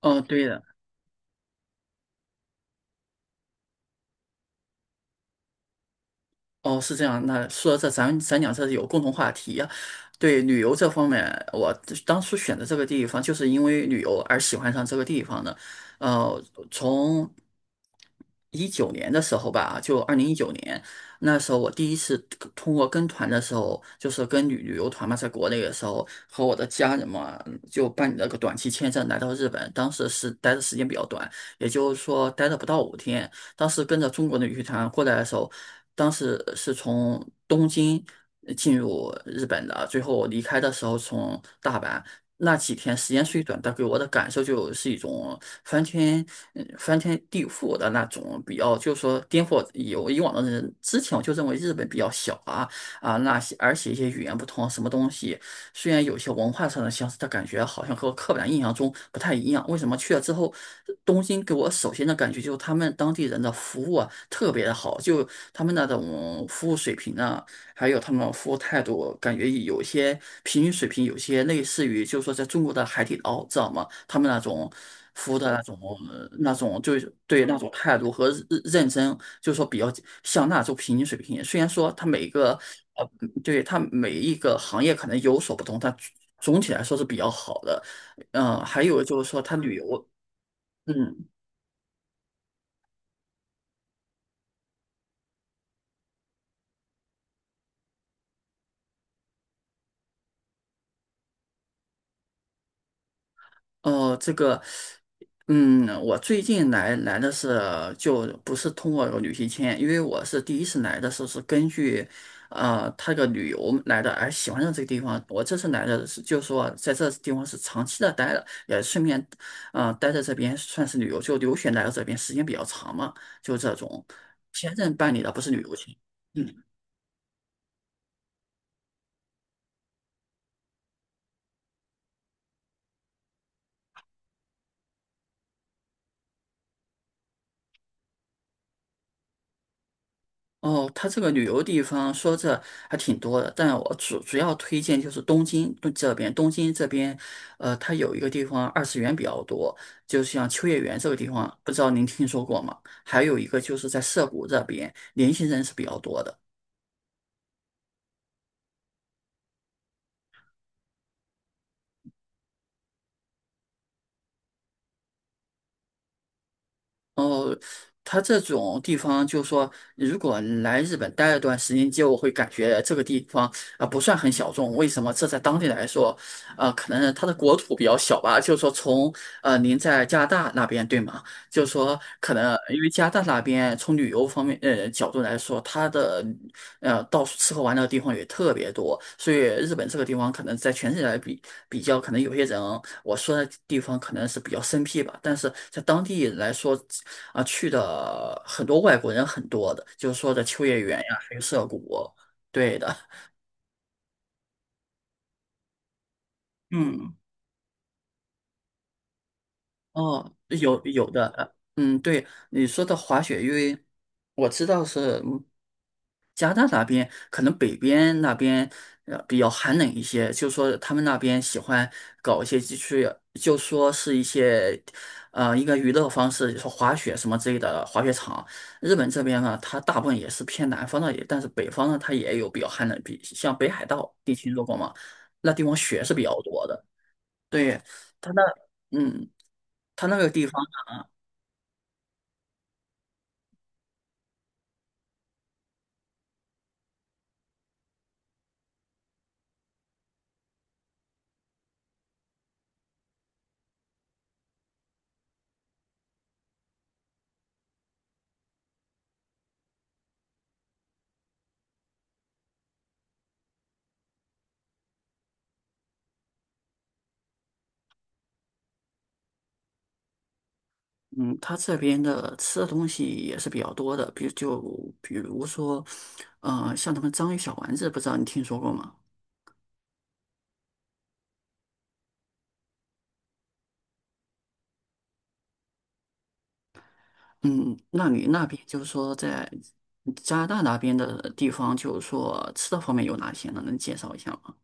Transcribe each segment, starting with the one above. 哦，对的。哦，是这样。那说到这，咱俩这是有共同话题呀。对旅游这方面，我当初选择这个地方，就是因为旅游而喜欢上这个地方的。呃，从一九年的时候吧，就2019年，那时候我第一次跟通过跟团的时候，就是跟旅游团嘛，在国内的时候，和我的家人嘛，就办理了个短期签证来到日本。当时是待的时间比较短，也就是说待了不到5天。当时跟着中国的羽团过来的时候，当时是从东京进入日本的，最后离开的时候从大阪。那几天时间虽短，但给我的感受就是一种翻天、翻天地覆的那种，比较就是说颠覆有以往的人之前，我就认为日本比较小啊啊，那些而且一些语言不通，什么东西虽然有些文化上的相似，但感觉好像和我刻板印象中不太一样。为什么去了之后，东京给我首先的感觉就是他们当地人的服务啊特别的好，就他们那种服务水平呢。还有他们的服务态度，感觉有些平均水平，有些类似于就是说在中国的海底捞，知道吗？他们那种服务的那种那种就是对那种态度和认真，就是说比较像那种平均水平。虽然说它每一个嗯对它每一个行业可能有所不同，但总体来说是比较好的。嗯、还有就是说它旅游，嗯。哦，这个，我最近来的是就不是通过旅行签，因为我是第一次来的时候是根据，他个旅游来的，而喜欢上这个地方。我这次来的是就是说在这地方是长期的待了，也顺便，啊，待在这边算是旅游，就留学来到这边时间比较长嘛，就这种。签证办理的不是旅游签。嗯。哦，它这个旅游地方说这还挺多的，但我主要推荐就是东京东这边，东京这边，它有一个地方二次元比较多，就像秋叶原这个地方，不知道您听说过吗？还有一个就是在涩谷这边，年轻人是比较多的。哦，他这种地方，就说，如果来日本待了段时间，就会感觉这个地方啊、不算很小众。为什么？这在当地来说，啊、可能它的国土比较小吧。就是说从，您在加拿大那边对吗？就是说，可能因为加拿大那边从旅游方面角度来说，它的到处吃喝玩乐的地方也特别多，所以日本这个地方可能在全世界来比较，可能有些人我说的地方可能是比较生僻吧，但是在当地来说啊、去的很多外国人很多的，就是说的秋叶原呀，还有涩谷，对的。嗯。哦，有的，对你说的滑雪，因为我知道是。加拿大那边可能北边那边比较寒冷一些，就说他们那边喜欢搞一些就是就说是一些一个娱乐方式，就是滑雪什么之类的滑雪场。日本这边呢，它大部分也是偏南方的，但是北方呢，它也有比较寒冷，比像北海道地区如果嘛，那地方雪是比较多的。对，它那。嗯，它那个地方。嗯，他这边的吃的东西也是比较多的，比如说，嗯，像他们章鱼小丸子，不知道你听说过吗？嗯，那你那边就是说在加拿大那边的地方，就是说吃的方面有哪些呢？能介绍一下吗？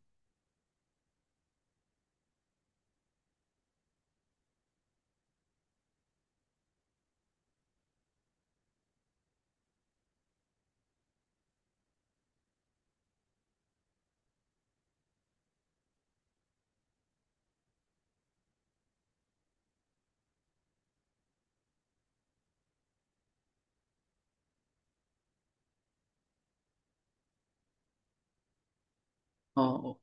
哦。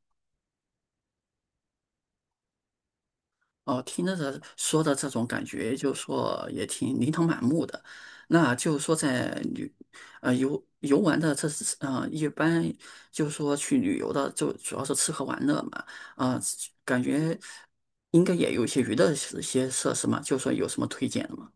哦，听着这说的这种感觉，就说也挺琳琅满目的。那就是说在旅，游玩的这是一般就是说去旅游的，就主要是吃喝玩乐嘛。啊、感觉应该也有一些娱乐一些设施嘛，就说有什么推荐的吗？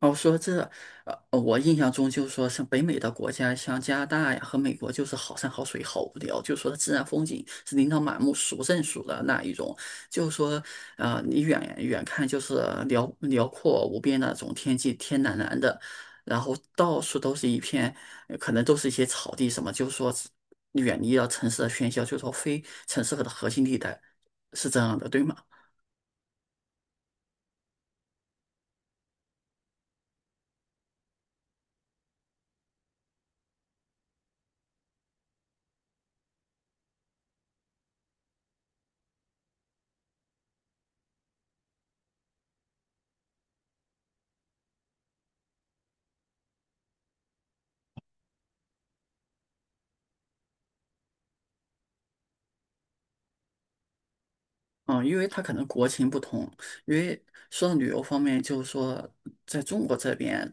哦，说这，我印象中就是说，像北美的国家，像加拿大呀和美国，就是好山好水，好无聊，就是说自然风景是琳琅满目、数不胜数的那一种。就是说，你远远看就是辽阔无边那种天际，天蓝蓝的，然后到处都是一片，可能都是一些草地什么，就是说远离了城市的喧嚣，就是说非城市的核心地带，是这样的，对吗？嗯，因为他可能国情不同，因为说到旅游方面，就是说在中国这边，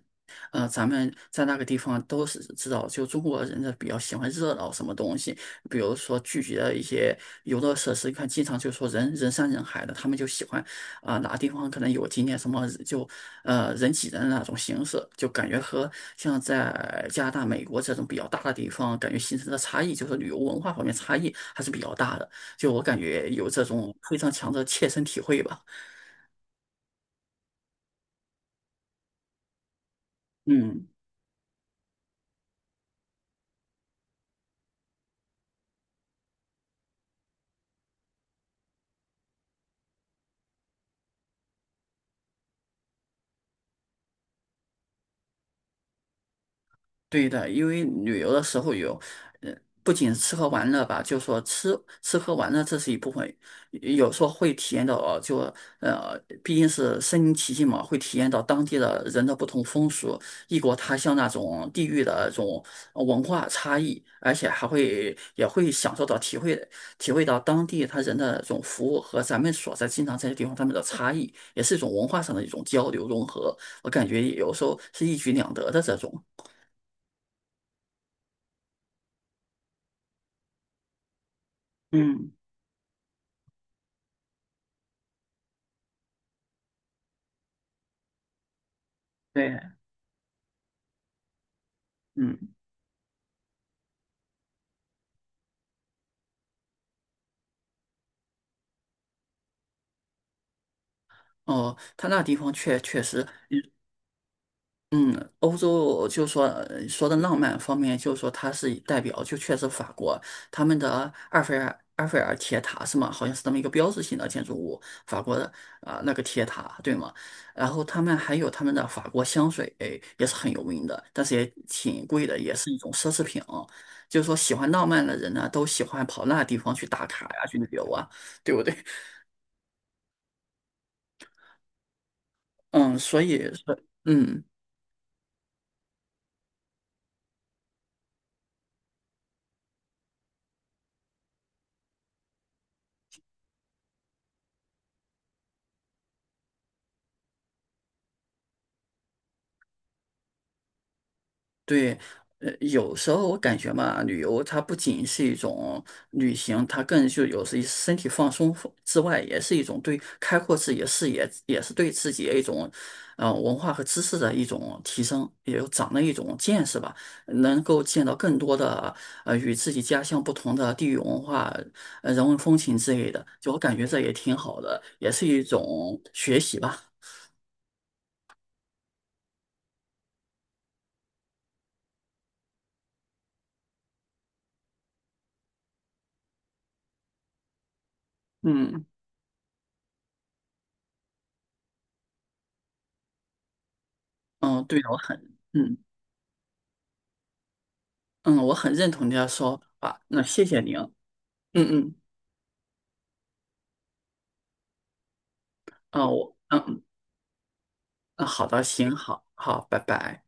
咱们在那个地方都是知道，就中国人呢比较喜欢热闹什么东西，比如说聚集的一些游乐设施，你看经常就说人山人海的，他们就喜欢啊、哪个地方可能有景点什么就人挤人的那种形式，就感觉和像在加拿大、美国这种比较大的地方，感觉形成的差异，就是旅游文化方面差异还是比较大的。就我感觉有这种非常强的切身体会吧。嗯，对的，因为旅游的时候有，呃，不仅吃喝玩乐吧，就说吃喝玩乐这是一部分，有时候会体验到，呃就呃，毕竟是身临其境嘛，会体验到当地的人的不同风俗、异国他乡那种地域的这种文化差异，而且还会也会享受到、体会到当地他人的这种服务和咱们所在经常在的地方他们的差异，也是一种文化上的一种交流融合，我感觉有时候是一举两得的这种。嗯。对。嗯。哦，他那地方确实，嗯，欧洲就说说的浪漫方面，就是说它是代表，就确实法国他们的埃菲尔铁塔是吗？好像是那么一个标志性的建筑物，法国的啊、那个铁塔对吗？然后他们还有他们的法国香水也是很有名的，但是也挺贵的，也是一种奢侈品啊就是说喜欢浪漫的人呢，都喜欢跑那地方去打卡呀，去旅游啊，对不对？嗯，所以说，嗯。对，有时候我感觉嘛，旅游它不仅是一种旅行，它更就有时身体放松之外，也是一种对开阔自己的视野，也是对自己的一种，文化和知识的一种提升，也有长了一种见识吧，能够见到更多的与自己家乡不同的地域文化、人文风情之类的，就我感觉这也挺好的，也是一种学习吧。嗯。嗯，对的我很嗯。嗯，我很认同你的说法。那谢谢您。嗯。嗯，啊，我啊好的，行，好好，拜拜。